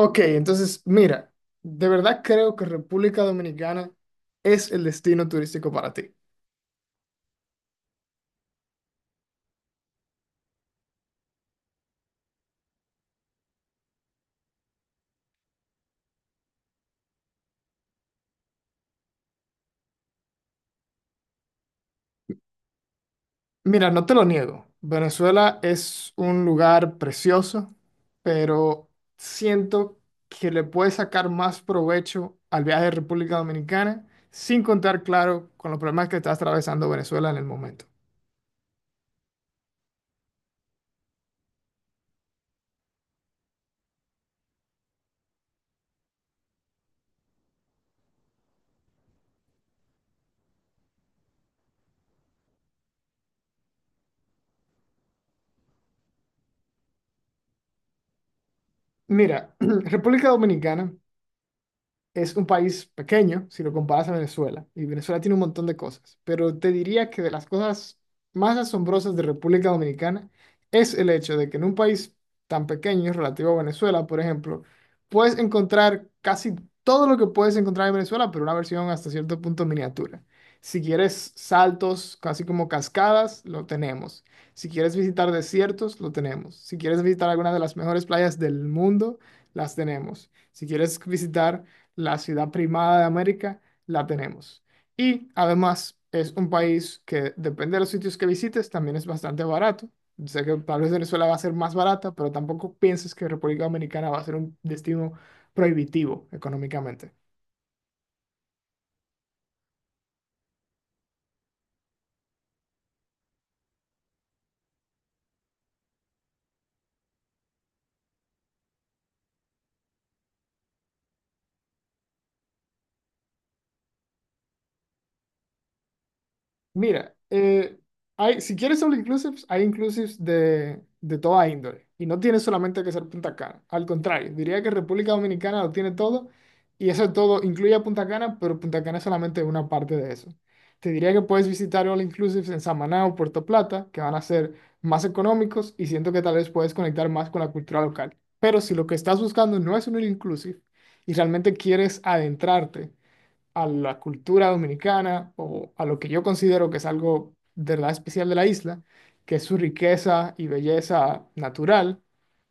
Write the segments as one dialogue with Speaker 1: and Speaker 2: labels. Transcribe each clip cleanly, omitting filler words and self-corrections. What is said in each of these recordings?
Speaker 1: Ok, entonces, mira, de verdad creo que República Dominicana es el destino turístico para ti. Mira, no te lo niego, Venezuela es un lugar precioso, pero siento que le puedes sacar más provecho al viaje de República Dominicana, sin contar, claro, con los problemas que está atravesando Venezuela en el momento. Mira, República Dominicana es un país pequeño si lo comparas a Venezuela, y Venezuela tiene un montón de cosas, pero te diría que de las cosas más asombrosas de República Dominicana es el hecho de que en un país tan pequeño relativo a Venezuela, por ejemplo, puedes encontrar casi todo lo que puedes encontrar en Venezuela, pero una versión hasta cierto punto miniatura. Si quieres saltos, casi como cascadas, lo tenemos. Si quieres visitar desiertos, lo tenemos. Si quieres visitar alguna de las mejores playas del mundo, las tenemos. Si quieres visitar la ciudad primada de América, la tenemos. Y además es un país que depende de los sitios que visites, también es bastante barato. Sé que tal vez Venezuela va a ser más barata, pero tampoco pienses que República Dominicana va a ser un destino prohibitivo económicamente. Mira, hay, si quieres all inclusives, hay inclusives de toda índole. Y no tiene solamente que ser Punta Cana. Al contrario, diría que República Dominicana lo tiene todo. Y eso todo incluye a Punta Cana, pero Punta Cana es solamente una parte de eso. Te diría que puedes visitar all inclusives en Samaná o Puerto Plata, que van a ser más económicos y siento que tal vez puedes conectar más con la cultura local. Pero si lo que estás buscando no es un all inclusive y realmente quieres adentrarte a la cultura dominicana o a lo que yo considero que es algo de verdad especial de la isla, que es su riqueza y belleza natural,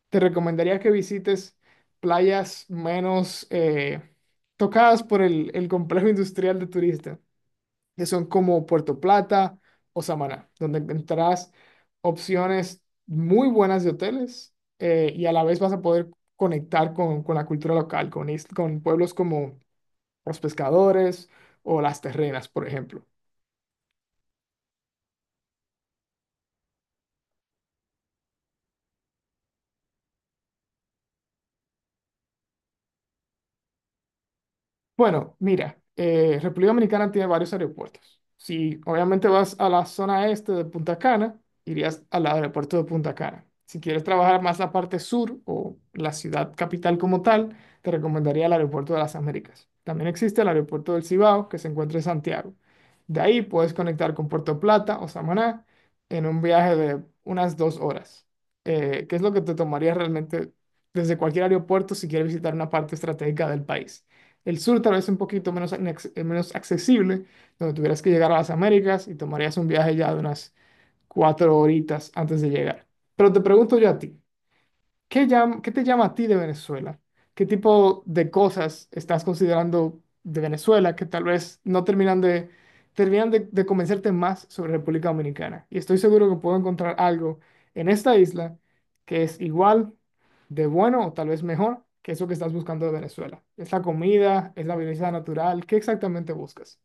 Speaker 1: te recomendaría que visites playas menos tocadas por el complejo industrial de turistas, que son como Puerto Plata o Samaná, donde encontrarás opciones muy buenas de hoteles y a la vez vas a poder conectar con la cultura local, con pueblos como los pescadores o las terrenas, por ejemplo. Bueno, mira, República Dominicana tiene varios aeropuertos. Si obviamente vas a la zona este de Punta Cana, irías al aeropuerto de Punta Cana. Si quieres trabajar más la parte sur o la ciudad capital como tal, te recomendaría el aeropuerto de las Américas. También existe el aeropuerto del Cibao, que se encuentra en Santiago. De ahí puedes conectar con Puerto Plata o Samaná en un viaje de unas 2 horas, que es lo que te tomaría realmente desde cualquier aeropuerto si quieres visitar una parte estratégica del país. El sur tal vez un poquito menos, menos accesible, donde tuvieras que llegar a las Américas y tomarías un viaje ya de unas 4 horitas antes de llegar. Pero te pregunto yo a ti, ¿Qué te llama a ti de Venezuela? ¿Qué tipo de cosas estás considerando de Venezuela que tal vez no terminan de convencerte más sobre República Dominicana? Y estoy seguro que puedo encontrar algo en esta isla que es igual de bueno o tal vez mejor que eso que estás buscando de Venezuela. ¿Es la comida? ¿Es la belleza natural? ¿Qué exactamente buscas?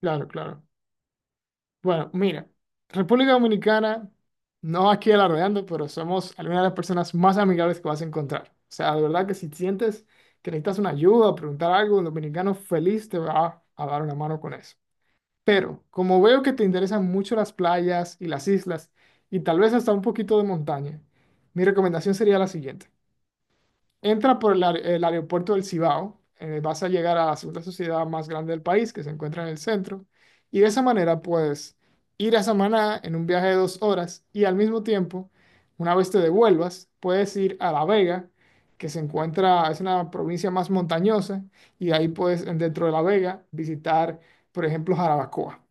Speaker 1: Claro, claro. Bueno, mira, República Dominicana, no aquí alardeando, pero somos algunas de las personas más amigables que vas a encontrar. O sea, de verdad que si sientes que necesitas una ayuda, preguntar algo, un dominicano feliz te va a dar una mano con eso. Pero como veo que te interesan mucho las playas y las islas, y tal vez hasta un poquito de montaña, mi recomendación sería la siguiente. Entra por el aeropuerto del Cibao, vas a llegar a la segunda sociedad más grande del país, que se encuentra en el centro, y de esa manera puedes ir a Samaná en un viaje de 2 horas y al mismo tiempo, una vez te devuelvas, puedes ir a La Vega, que se encuentra, es una provincia más montañosa, y de ahí puedes dentro de La Vega, visitar, por ejemplo, Jarabacoa.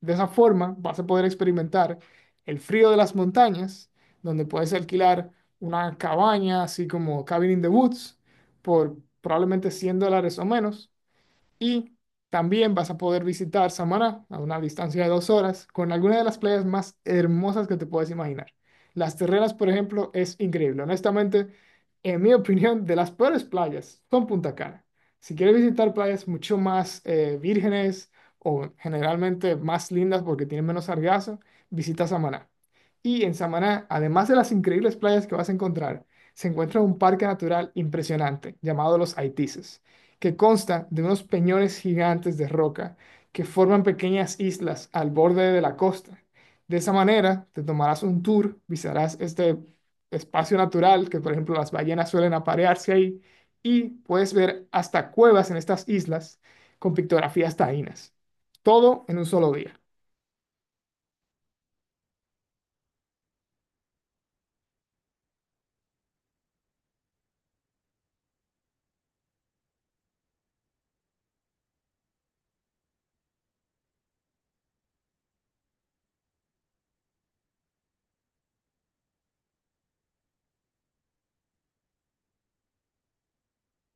Speaker 1: De esa forma vas a poder experimentar el frío de las montañas, donde puedes alquilar una cabaña, así como Cabin in the Woods, por probablemente $100 o menos. Y también vas a poder visitar Samaná a una distancia de 2 horas con algunas de las playas más hermosas que te puedes imaginar. Las Terrenas por ejemplo, es increíble. Honestamente, en mi opinión, de las peores playas son Punta Cana. Si quieres visitar playas mucho más vírgenes o generalmente más lindas porque tienen menos sargazo, visita Samaná. Y en Samaná, además de las increíbles playas que vas a encontrar, se encuentra un parque natural impresionante llamado Los Haitises que consta de unos peñones gigantes de roca que forman pequeñas islas al borde de la costa. De esa manera, te tomarás un tour, visitarás este espacio natural que, por ejemplo, las ballenas suelen aparearse ahí y puedes ver hasta cuevas en estas islas con pictografías taínas. Todo en un solo día.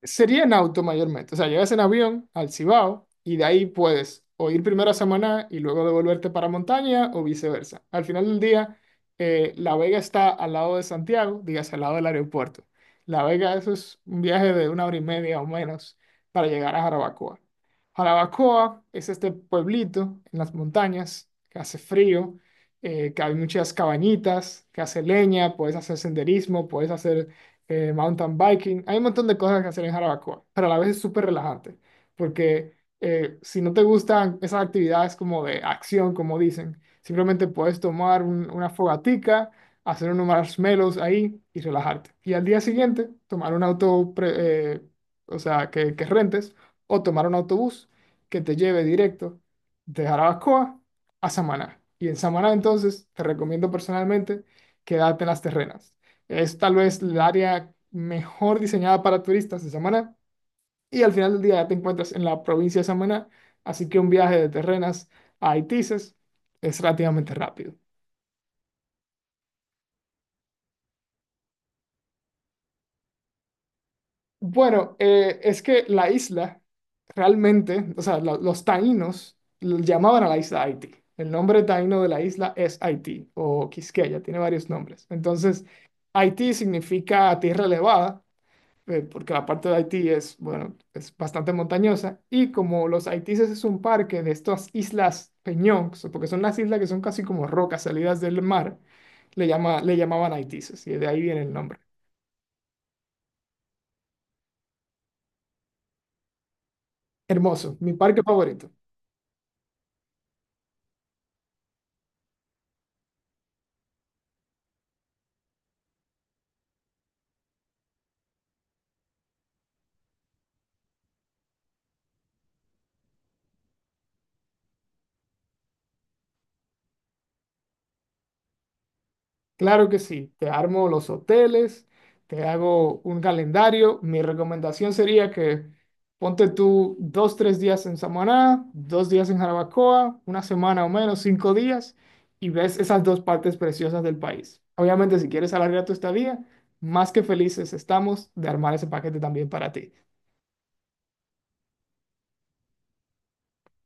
Speaker 1: Sería en auto mayormente. O sea, llegas en avión al Cibao y de ahí puedes o ir primero a Samaná y luego devolverte para montaña o viceversa. Al final del día, La Vega está al lado de Santiago, digas al lado del aeropuerto. La Vega, eso es un viaje de 1 hora y media o menos para llegar a Jarabacoa. Jarabacoa es este pueblito en las montañas que hace frío, que hay muchas cabañitas, que hace leña, puedes hacer senderismo, puedes hacer mountain biking. Hay un montón de cosas que hacer en Jarabacoa, pero a la vez es súper relajante, porque si no te gustan esas actividades como de acción, como dicen, simplemente puedes tomar una fogatica, hacer unos marshmallows ahí y relajarte. Y al día siguiente, tomar un auto, o sea, que rentes, o tomar un autobús que te lleve directo de Jarabacoa a Samaná. Y en Samaná entonces te recomiendo personalmente quedarte en las terrenas. Es tal vez el área mejor diseñada para turistas de Samaná. Y al final del día ya te encuentras en la provincia de Samaná. Así que un viaje de Terrenas a Haitises es relativamente rápido. Bueno, es que la isla realmente, o sea, los taínos llamaban a la isla Haití. El nombre taíno de la isla es Haití o Quisqueya, tiene varios nombres. Entonces, Haití significa tierra elevada porque la parte de Haití es, bueno, es bastante montañosa, y como los Haitises es un parque de estas islas Peñón, porque son las islas que son casi como rocas salidas del mar, le llamaban Haitises, y de ahí viene el nombre. Hermoso, mi parque favorito. Claro que sí, te armo los hoteles, te hago un calendario. Mi recomendación sería que ponte tú 2, 3 días en Samaná, 2 días en Jarabacoa, una semana o menos, 5 días, y ves esas dos partes preciosas del país. Obviamente, si quieres alargar tu estadía, más que felices estamos de armar ese paquete también para ti.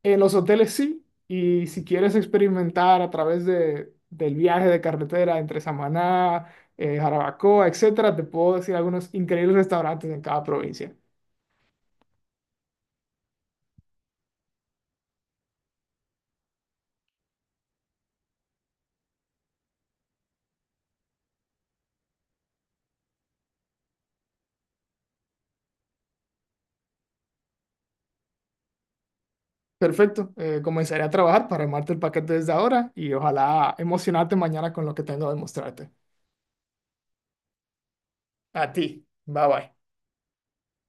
Speaker 1: En los hoteles sí, y si quieres experimentar a través del viaje de carretera entre Samaná, Jarabacoa, etcétera, te puedo decir algunos increíbles restaurantes en cada provincia. Perfecto, comenzaré a trabajar para armarte el paquete desde ahora y ojalá emocionarte mañana con lo que tengo de mostrarte. A ti, bye bye.